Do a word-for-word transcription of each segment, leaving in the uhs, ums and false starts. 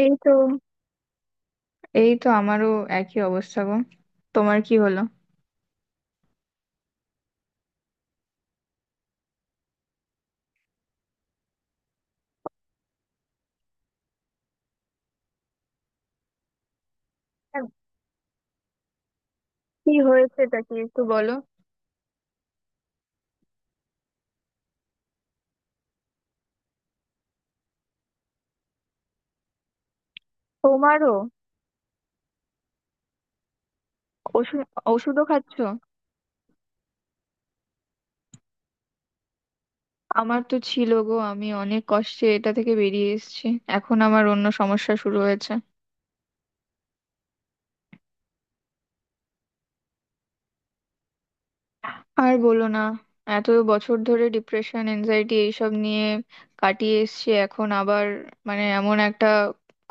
এই তো এই তো আমারও একই অবস্থা গো। তোমার কি হলো? হ্যাঁ, কি হয়েছে, এটা কি একটু বলো? তোমারও? ওষুধ ওষুধও খাচ্ছ? আমার তো ছিল গো, আমি অনেক কষ্টে এটা থেকে বেরিয়ে এসেছি। এখন আমার অন্য সমস্যা শুরু হয়েছে। আর বলো না, এত বছর ধরে ডিপ্রেশন এনজাইটি এইসব নিয়ে কাটিয়ে এসেছি, এখন আবার মানে এমন একটা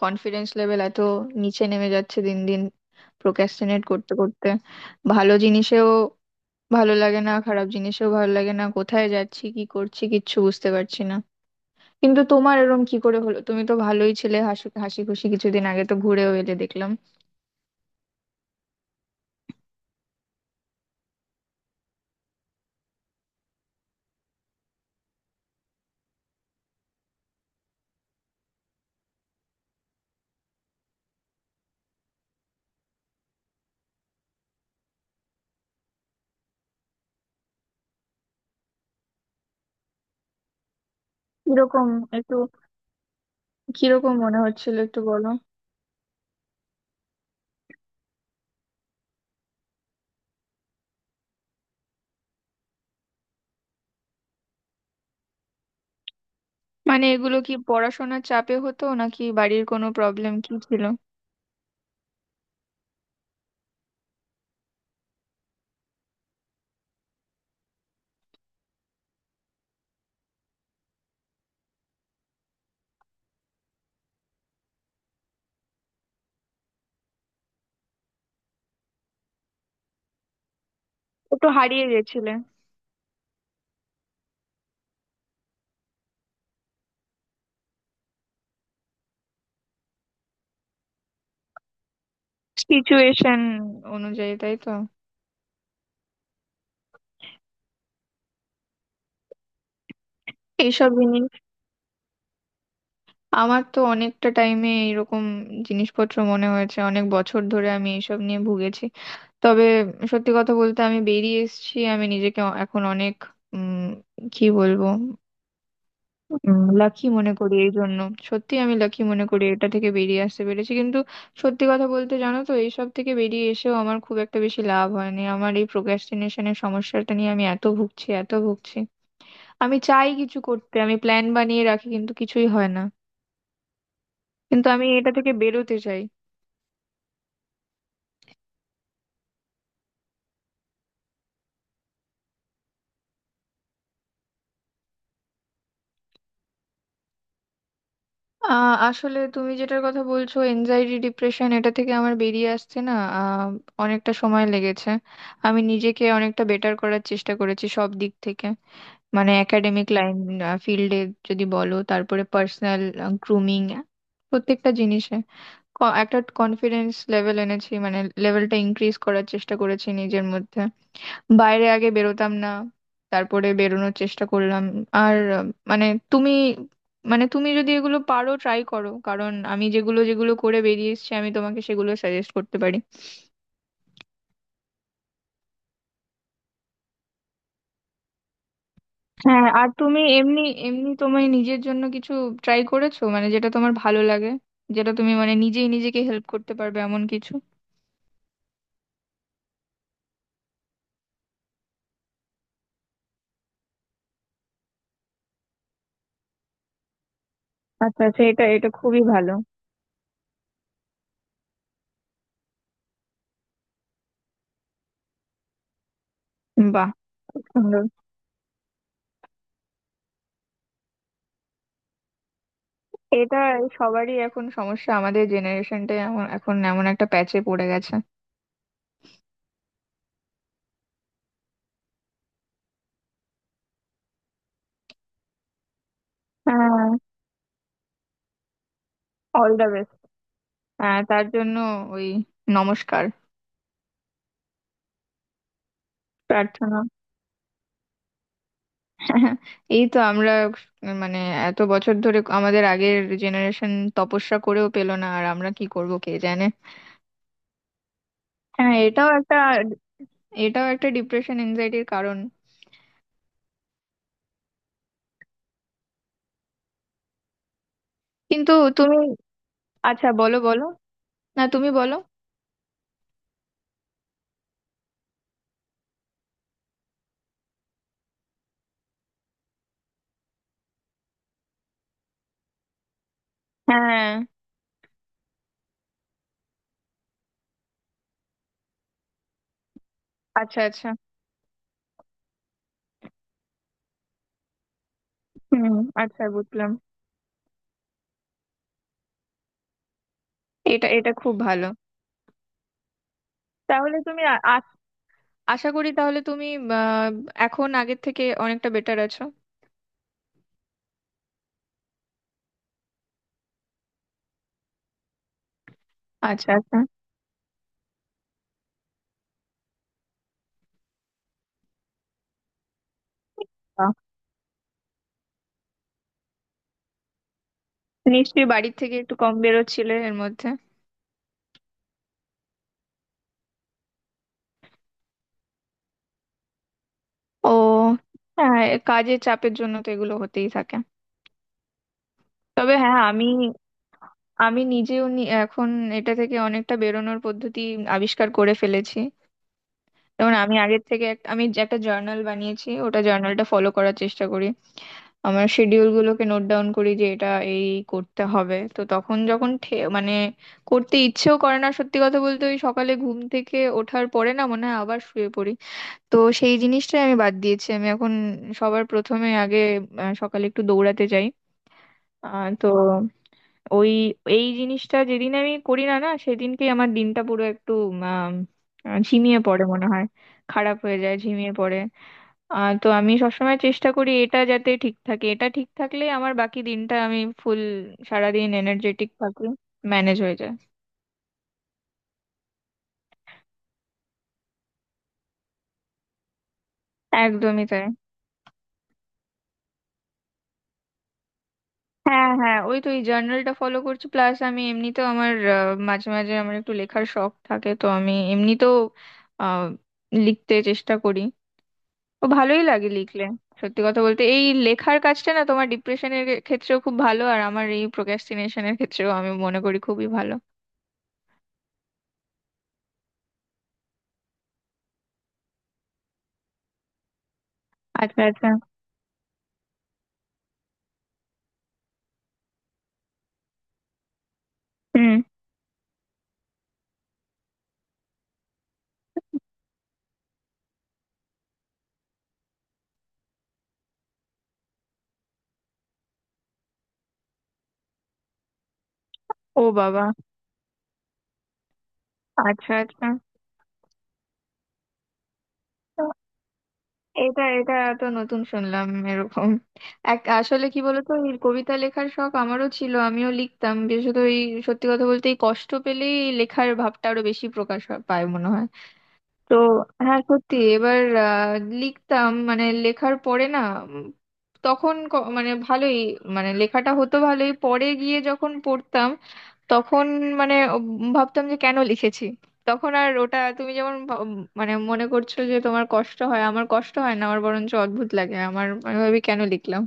কনফিডেন্স লেভেল এত নিচে নেমে যাচ্ছে দিন দিন। প্রোক্রাস্টিনেট করতে করতে ভালো জিনিসেও ভালো লাগে না, খারাপ জিনিসও ভালো লাগে না, কোথায় যাচ্ছি কি করছি কিচ্ছু বুঝতে পারছি না। কিন্তু তোমার এরকম কি করে হলো? তুমি তো ভালোই ছিলে, হাসি হাসি খুশি, কিছুদিন আগে তো ঘুরেও এলে দেখলাম। কিরকম? একটু কিরকম মনে হচ্ছিল একটু বলো। মানে এগুলো কি পড়াশোনার চাপে হতো নাকি বাড়ির কোনো প্রবলেম কি ছিল? একটু হারিয়ে গেছিলে? সিচুয়েশন অনুযায়ী, তাই তো? এইসব জিনিস আমার তো অনেকটা টাইমে এরকম জিনিসপত্র মনে হয়েছে, অনেক বছর ধরে আমি এইসব নিয়ে ভুগেছি। তবে সত্যি কথা বলতে আমি বেরিয়ে এসেছি, আমি নিজেকে অ- এখন অনেক উম কি বলবো, লাকি মনে করি এই জন্য। সত্যি আমি লাকি মনে করি এটা থেকে বেরিয়ে আসতে পেরেছি, কিন্তু সত্যি কথা বলতে জানো তো, এইসব থেকে বেরিয়ে এসেও আমার খুব একটা বেশি লাভ হয়নি, আমার এই প্রোক্রাস্টিনেশনের সমস্যাটা নিয়ে আমি এত ভুগছি, এত ভুগছি। আমি চাই কিছু করতে, আমি প্ল্যান বানিয়ে রাখি কিন্তু কিছুই হয় না। কিন্তু আমি এটা থেকে বেরোতে চাই। আহ আসলে তুমি যেটার কথা বলছো এনজাইটি ডিপ্রেশন এটা থেকে আমার বেরিয়ে আসতে না, আহ, অনেকটা সময় লেগেছে। আমি নিজেকে অনেকটা বেটার করার চেষ্টা করেছি সব দিক থেকে। মানে একাডেমিক লাইন ফিল্ডে যদি বলো, তারপরে পার্সোনাল গ্রুমিং, প্রত্যেকটা জিনিসে ক- একটা কনফিডেন্স লেভেল এনেছি, মানে লেভেলটা ইনক্রিজ করার চেষ্টা করেছি নিজের মধ্যে। বাইরে আগে বেরোতাম না, তারপরে বেরোনোর চেষ্টা করলাম। আর আহ, মানে তুমি মানে তুমি যদি এগুলো পারো ট্রাই করো, কারণ আমি যেগুলো যেগুলো করে বেরিয়ে এসেছি আমি তোমাকে সেগুলো সাজেস্ট করতে পারি। হ্যাঁ, আর তুমি এমনি এমনি তোমার নিজের জন্য কিছু ট্রাই করেছো? মানে যেটা তোমার ভালো লাগে, যেটা তুমি মানে নিজেই নিজেকে হেল্প করতে পারবে এমন কিছু? আচ্ছা আচ্ছা, এটা এটা খুবই ভালো। বাহ, খুব সুন্দর। এটা সবারই এখন সমস্যা, আমাদের জেনারেশনটাই এমন, এখন এমন একটা প্যাচে পড়ে গেছে। হ্যাঁ। All the best. হ্যাঁ তার জন্য ওই নমস্কার। প্রার্থনা। এই তো আমরা মানে এত বছর ধরে আমাদের আগের জেনারেশন তপস্যা করেও পেল না, আর আমরা কি করব কে জানে। হ্যাঁ, এটাও একটা এটাও একটা ডিপ্রেশন এনজাইটির কারণ। কিন্তু তুমি, আচ্ছা বলো বলো। না তুমি বলো। হ্যাঁ। আচ্ছা আচ্ছা। হুম। আচ্ছা বুঝলাম। এটা এটা খুব ভালো। তাহলে তুমি আ- আ- আশা করি তাহলে তুমি আহ, এখন আগের থেকে অনেকটা বেটার আছো? আচ্ছা আচ্ছা। নিশ্চয়ই বাড়ির থেকে একটু কম বেরোচ্ছিলে এর মধ্যে? ও, হ্যাঁ, কাজের চাপের জন্য তো এগুলো হতেই থাকে। তবে হ্যাঁ আমি, আমি নিজেও নি- এখন এটা থেকে অনেকটা বেরোনোর পদ্ধতি আবিষ্কার করে ফেলেছি। যেমন আমি আগের থেকে এক- আমি যে একটা জার্নাল বানিয়েছি, ওটা জার্নালটা ফলো করার চেষ্টা করি। আমার শিডিউল গুলোকে নোট ডাউন করি যে এটা এই করতে হবে। তো তখন যখন ঠে- মানে করতে ইচ্ছেও করে না, সত্যি কথা বলতে ওই সকালে ঘুম থেকে ওঠার পরে না, মনে হয় আবার শুয়ে পড়ি। তো সেই জিনিসটাই আমি বাদ দিয়েছি, আমি এখন সবার প্রথমে আগে আহ, সকালে একটু দৌড়াতে যাই। আহ, তো ওই এই জিনিসটা যেদিন আমি করি না, না সেদিনকেই আমার দিনটা পুরো একটু আম, আহ, ঝিমিয়ে পড়ে মনে হয়, খারাপ হয়ে যায়, ঝিমিয়ে পড়ে। আহ, তো আমি সবসময় চেষ্টা করি এটা যাতে ঠিক থাকে, এটা ঠিক থাকলে আমার বাকি দিনটা আমি ফুল, সারাদিন এনার্জেটিক থাকি। ম্যানেজ হয়ে যায়। একদমই তাই। হ্যাঁ, হ্যাঁ, ওই তো এই জার্নালটা ফলো করছি, প্লাস আমি এমনিতেও আমার, আহ, মাঝে মাঝে আমার একটু লেখার শখ থাকে তো আমি এমনিতেও আহ, লিখতে চেষ্টা করি। ও, ভালোই লাগে লিখলে। সত্যি কথা বলতে এই লেখার কাজটা না তোমার ডিপ্রেশনের ক্ষেত্রেও খুব ভালো, আর আমার এই প্রোক্রাস্টিনেশনের ক্ষেত্রেও আমি মনে করি খুবই ভালো। আচ্ছা আচ্ছা। হুম। ও বাবা। আচ্ছা আচ্ছা। এটা এটা তো নতুন শুনলাম এরকম। এক, আসলে কি বলতো, এই কবিতা লেখার শখ আমারও ছিল, আমিও লিখতাম, বিশেষত এই সত্যি কথা বলতে এই কষ্ট পেলেই এই লেখার ভাবটা আরো বেশি প্রকাশ হয়- পায় মনে হয়। তো হ্যাঁ সত্যি, এবার আহ, লিখতাম মানে লেখার পরে না, উম, তখন ক- মানে ভালোই, মানে লেখাটা হতো ভালোই, পরে গিয়ে যখন পড়তাম, তখন মানে উম ভাবতাম যে কেন লিখেছি। তখন আর ওটা তুমি যেমন ভাব- উম মানে মনে করছো যে তোমার কষ্ট হয়, আমার কষ্ট হয় না, আমার বরঞ্চ অদ্ভুত লাগে, আমার আমি ভাবি কেন লিখলাম।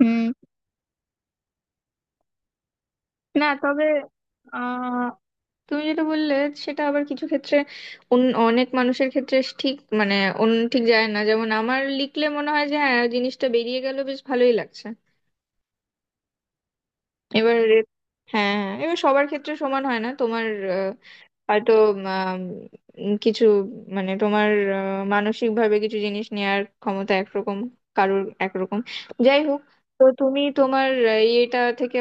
হুম। না তবে আহ তুমি যেটা বললে সেটা আবার কিছু ক্ষেত্রে অন- অনেক মানুষের ক্ষেত্রে ঠিক মানে অন্য ঠিক যায় না, যেমন আমার লিখলে মনে হয় যে হ্যাঁ জিনিসটা বেরিয়ে গেল, বেশ ভালোই লাগছে। এবার হ্যাঁ হ্যাঁ, এবার সবার ক্ষেত্রে সমান হয় না, তোমার আহ, হয়তো উম, আম, কিছু মানে তোমার আহ, মানসিক ভাবে কিছু জিনিস নেয়ার ক্ষমতা একরকম, কারোর একরকম। যাই হোক, তো তুমি তোমার আহ, ইয়েটা থেকে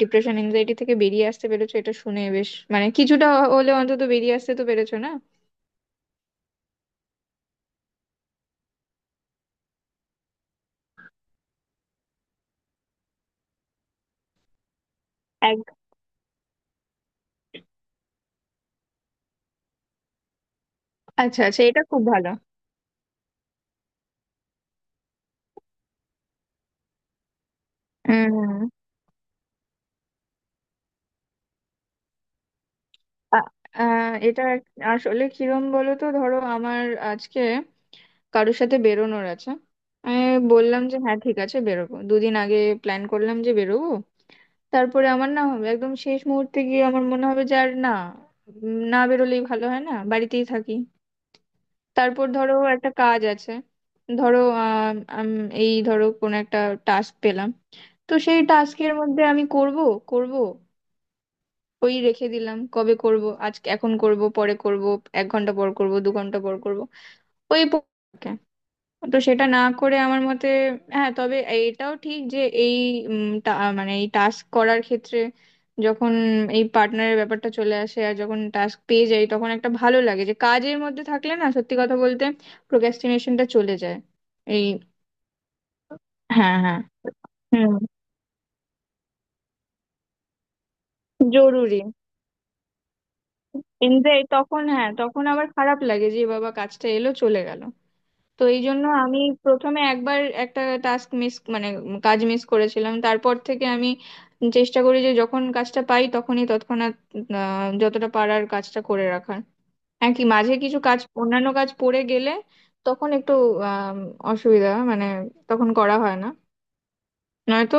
ডিপ্রেশন এনজাইটি থেকে বেরিয়ে আসতে পেরেছো, এটা শুনে বেশ, মানে কিছুটা হলে অন্তত বেরিয়ে আসতে তো পেরেছো, না? এক, আচ্ছা আচ্ছা এটা খুব ভালো। হুম। আ- আ, এটা আসলে কিরম বলো তো, ধরো আমার আজকে কারোর সাথে বেরোনোর আছে। আমি বললাম যে হ্যাঁ ঠিক আছে বেরোবো, দুদিন আগে প্ল্যান করলাম যে বেরোবো, তারপরে আমার না হবে একদম শেষ মুহূর্তে গিয়ে আমার মনে হবে যে আর না, উম, না বেরোলেই ভালো হয়, না বাড়িতেই থাকি। তারপর ধরো একটা কাজ আছে, ধরো আহ আম, এই ধরো কোন একটা টাস্ক পেলাম। তো সেই টাস্কের মধ্যে আমি করব করব, ওই রেখে দিলাম কবে করব, আজকে এখন করব, পরে করব, এক ঘন্টা পর করব, দু ঘন্টা পর করব, ওই, তো সেটা না করে আমার মতে, হ্যাঁ তবে এটাও ঠিক যে এই উম, টা- মানে এই টাস্ক করার ক্ষেত্রে যখন এই পার্টনারের ব্যাপারটা চলে আসে, আর যখন টাস্ক পেয়ে যাই তখন একটা ভালো লাগে যে কাজের মধ্যে থাকলে না, সত্যি কথা বলতে প্রোক্রাস্টিনেশনটা চলে যায়। এই, হ্যাঁ হ্যাঁ, হুম, জরুরি। কিন্তু এই তখন, হ্যাঁ তখন আবার খারাপ লাগে যে বাবা কাজটা এলো চলে গেল। তো এই জন্য আমি প্রথমে একবার একটা টাস্ক মিস মানে উম কাজ মিস করেছিলাম, তারপর থেকে আমি চেষ্টা করি যে যখন কাজটা পাই তখনই তৎক্ষণাৎ আহ, যতটা পারার কাজটা করে রাখার। হ্যাঁ কি মাঝে কিছু কাজ অন্যান্য কাজ পড়ে গেলে তখন একটু আম, অসুবিধা মানে তখন করা হয় না, নয়তো,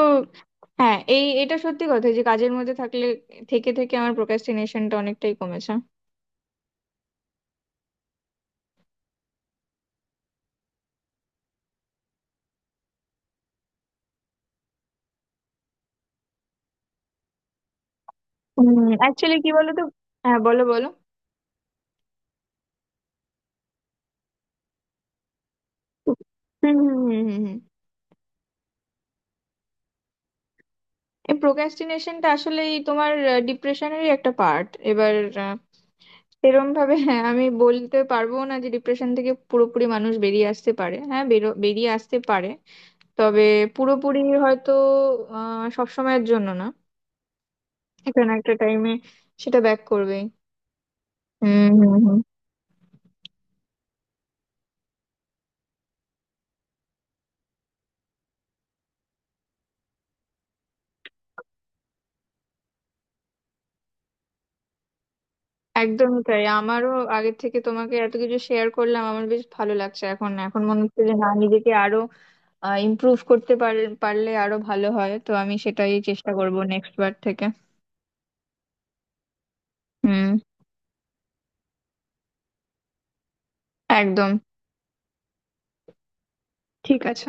হ্যাঁ এই এটা সত্যি কথা যে কাজের মধ্যে থাকলে থেকে থেকে আমার প্রোক্রাস্টিনেশনটা অনেকটাই কমেছে। হুম, অ্যাকচুয়ালি কি বলো তো। হ্যাঁ বলো বলো। হুম হুম হুম হুম হুম। এই প্রোক্রাস্টিনেশনটা আসলেই তোমার ডিপ্রেশনেরই একটা পার্ট। এবার আহ, এরম ভাবে হ্যাঁ আমি বলতে পারবো না যে ডিপ্রেশন থেকে পুরোপুরি মানুষ বেরিয়ে আসতে পারে, হ্যাঁ বেরো বেরিয়ে আসতে পারে। তবে পুরোপুরি হয়তো আহ সবসময়ের জন্য না, একটা না একটা টাইমে সেটা ব্যাক করবেই। হুম হুম হুম। একদমই তাই আমারও, আগের থেকে তোমাকে এত কিছু শেয়ার করলাম আমার বেশ ভালো লাগছে, এখন এখন মনে হচ্ছে যে না নিজেকে আরো ইমপ্রুভ করতে পার- পারলে আরো ভালো হয়, তো আমি সেটাই চেষ্টা করব নেক্সট বার থেকে। হুম। একদম। ঠিক আছে।